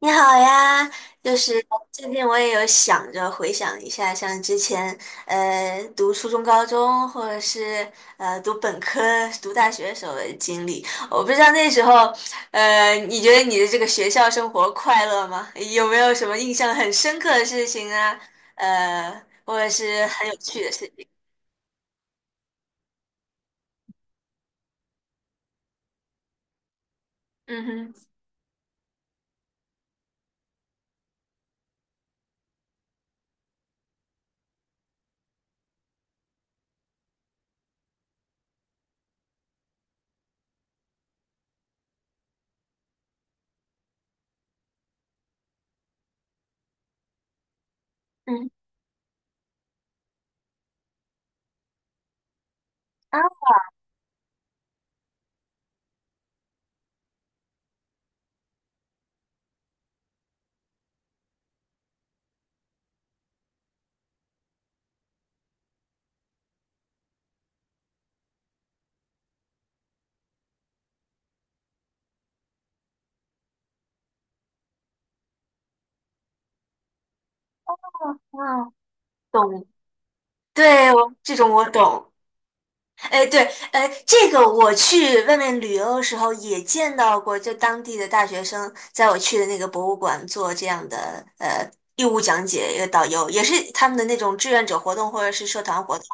你好呀，就是最近我也有想着回想一下，像之前读初中、高中，或者是读本科、读大学时候的经历。我不知道那时候，你觉得你的这个学校生活快乐吗？有没有什么印象很深刻的事情啊？或者是很有趣的事情？嗯哼。嗯。啊。啊，懂。对，我这种我懂。哎，对，哎，这个我去外面旅游的时候也见到过，就当地的大学生在我去的那个博物馆做这样的义务讲解，一个导游也是他们的那种志愿者活动或者是社团活动。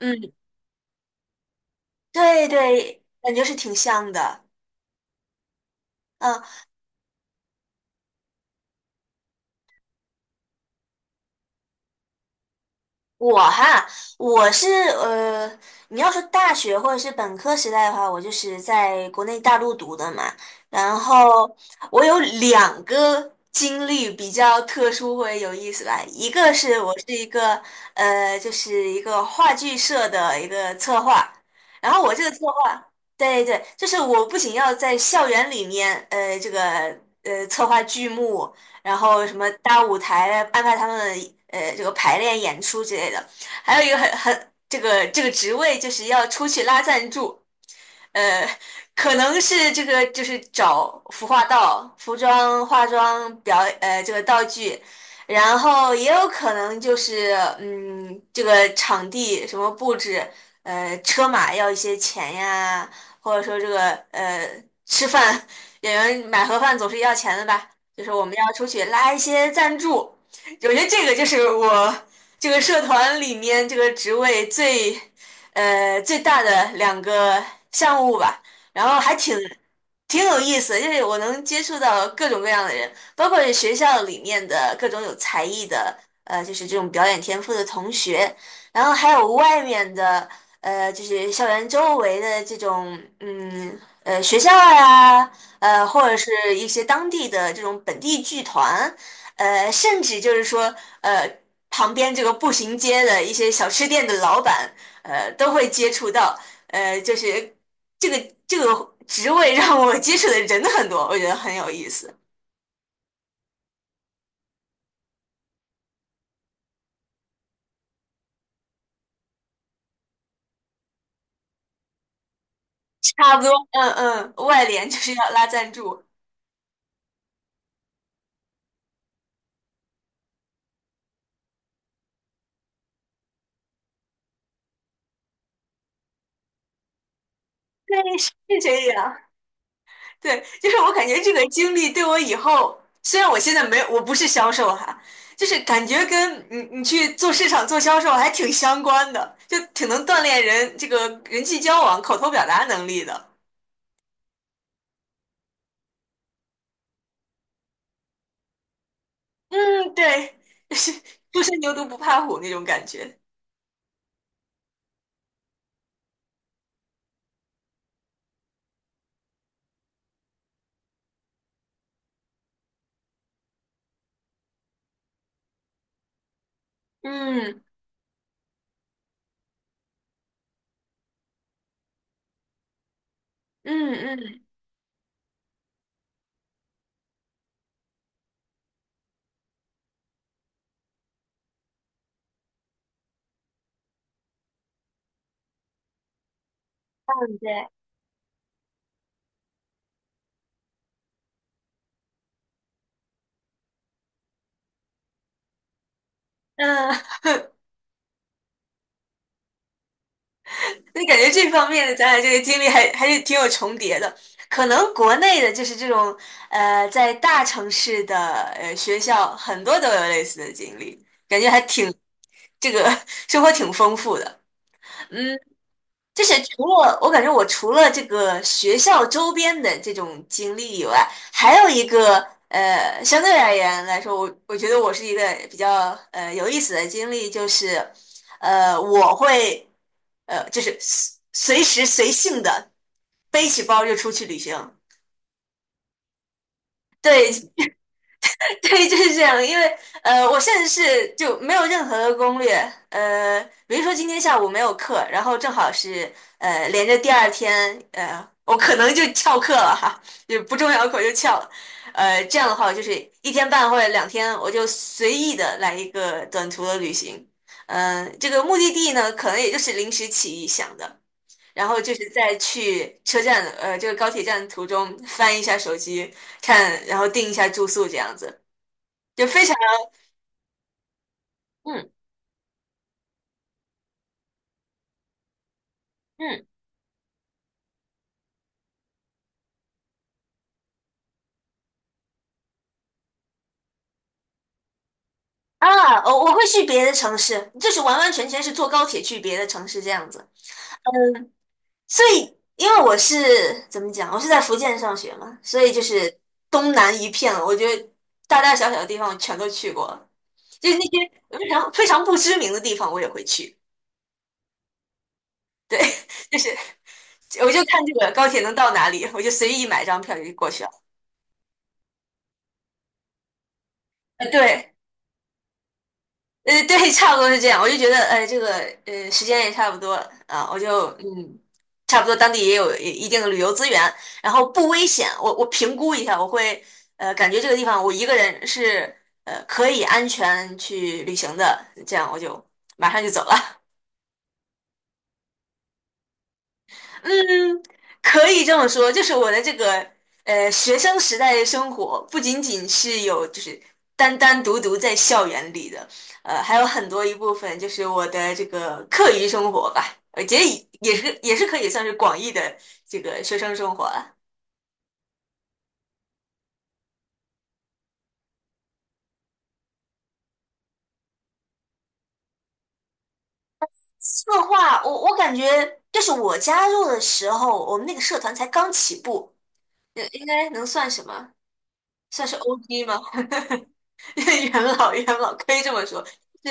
嗯，对对，感觉是挺像的。嗯，我哈，我是,你要说大学或者是本科时代的话，我就是在国内大陆读的嘛。然后我有两个经历比较特殊或者有意思吧，一个是我是一个,就是一个话剧社的一个策划，然后我这个策划，对对，就是我不仅要在校园里面这个策划剧目。然后什么大舞台啊安排他们这个排练演出之类的。还有一个很这个职位就是要出去拉赞助，呃，可能是这个就是找服化道、服装、化妆表这个道具，然后也有可能就是这个场地什么布置，呃车马要一些钱呀，或者说这个吃饭演员买盒饭总是要钱的吧，就是我们要出去拉一些赞助，我觉得这个就是我这个社团里面这个职位最。最大的两个项目吧，然后还挺有意思的就是我能接触到各种各样的人，包括是学校里面的各种有才艺的，就是这种表演天赋的同学，然后还有外面的，就是校园周围的这种，学校呀，或者是一些当地的这种本地剧团，甚至就是说，呃，旁边这个步行街的一些小吃店的老板，都会接触到。就是这个职位让我接触的人很多，我觉得很有意思。差不多，嗯嗯，外联就是要拉赞助，对，是这样。对，就是我感觉这个经历对我以后，虽然我现在没有，我不是销售哈，就是感觉跟你去做市场做销售还挺相关的，就挺能锻炼人这个人际交往、口头表达能力的。嗯，对，就是初生牛犊不怕虎那种感觉。嗯嗯嗯，嗯，对。嗯。所以感觉这方面的咱俩这个经历还是挺有重叠的。可能国内的就是这种在大城市的学校，很多都有类似的经历，感觉还挺这个 生活挺丰富的。嗯，就是除了我感觉我除了这个学校周边的这种经历以外，还有一个相对而言来说，我觉得我是一个比较有意思的经历，就是我会就是随时随性的背起包就出去旅行。对，对，就是这样。因为我甚至是就没有任何的攻略。呃，比如说今天下午没有课，然后正好是连着第二天，我可能就翘课了哈，就不重要的课我就翘了。呃，这样的话，我就是一天半或者两天，我就随意的来一个短途的旅行。这个目的地呢，可能也就是临时起意想的，然后就是在去车站，这个高铁站途中翻一下手机看，然后订一下住宿这样子。就非常。嗯嗯。啊，我会去别的城市，就是完完全全是坐高铁去别的城市这样子。所以，因为我是怎么讲，我是在福建上学嘛，所以就是东南一片了我觉得大大小小的地方我全都去过了，就是那些非常非常不知名的地方我也会去。对，就是我就看这个高铁能到哪里，我就随意买张票就过去了。啊，对。呃，对，差不多是这样。我就觉得，这个时间也差不多啊，我就嗯，差不多当地也有一定的旅游资源，然后不危险。我评估一下，我会感觉这个地方我一个人是可以安全去旅行的，这样我就马上就走了。嗯，可以这么说，就是我的这个学生时代的生活，不仅仅是有就是单单独独在校园里的，还有很多一部分就是我的这个课余生活吧，我觉得也是可以算是广义的这个学生生活了。策划，我感觉就是我加入的时候，我们那个社团才刚起步，应该能算什么？算是 OG 吗？元老，元老可以这么说，是，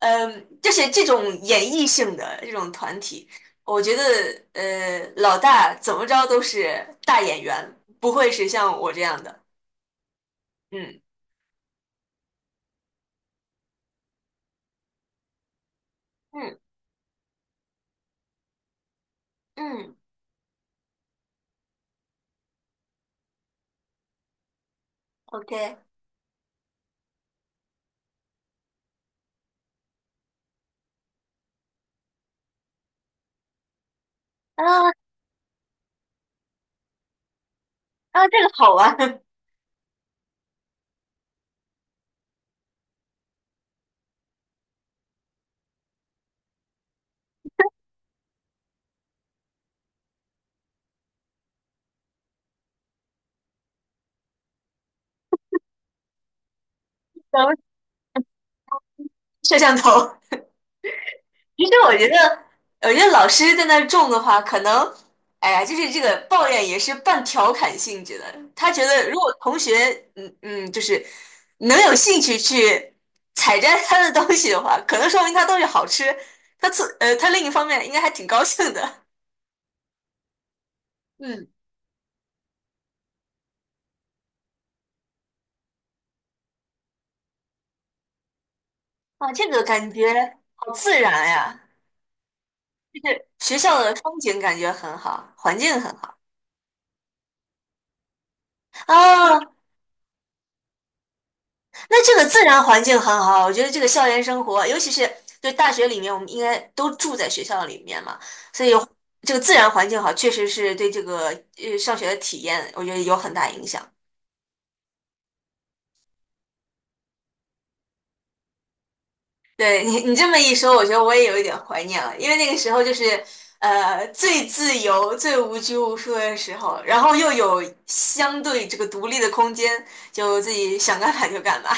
嗯，就是这种演绎性的这种团体，我觉得，老大怎么着都是大演员，不会是像我这样的。嗯嗯嗯，OK,啊。啊，这个好玩，咱们摄像头。其实我觉得，我觉得老师在那儿种的话，可能，哎呀，就是这个抱怨也是半调侃性质的。他觉得如果同学，嗯嗯，就是能有兴趣去采摘他的东西的话，可能说明他东西好吃。他另一方面应该还挺高兴的 嗯，啊，这个感觉好自然呀，就是学校的风景感觉很好，环境很好啊。那这个自然环境很好，我觉得这个校园生活，尤其是对大学里面，我们应该都住在学校里面嘛，所以这个自然环境好，确实是对这个上学的体验，我觉得有很大影响。对你，你这么一说，我觉得我也有一点怀念了，因为那个时候就是最自由、最无拘无束的时候，然后又有相对这个独立的空间，就自己想干嘛就干嘛。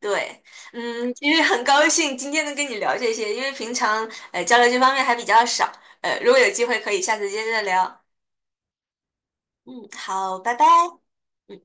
对，嗯，其实很高兴今天能跟你聊这些，因为平常交流这方面还比较少，呃，如果有机会可以下次接着聊。嗯，好，拜拜。嗯。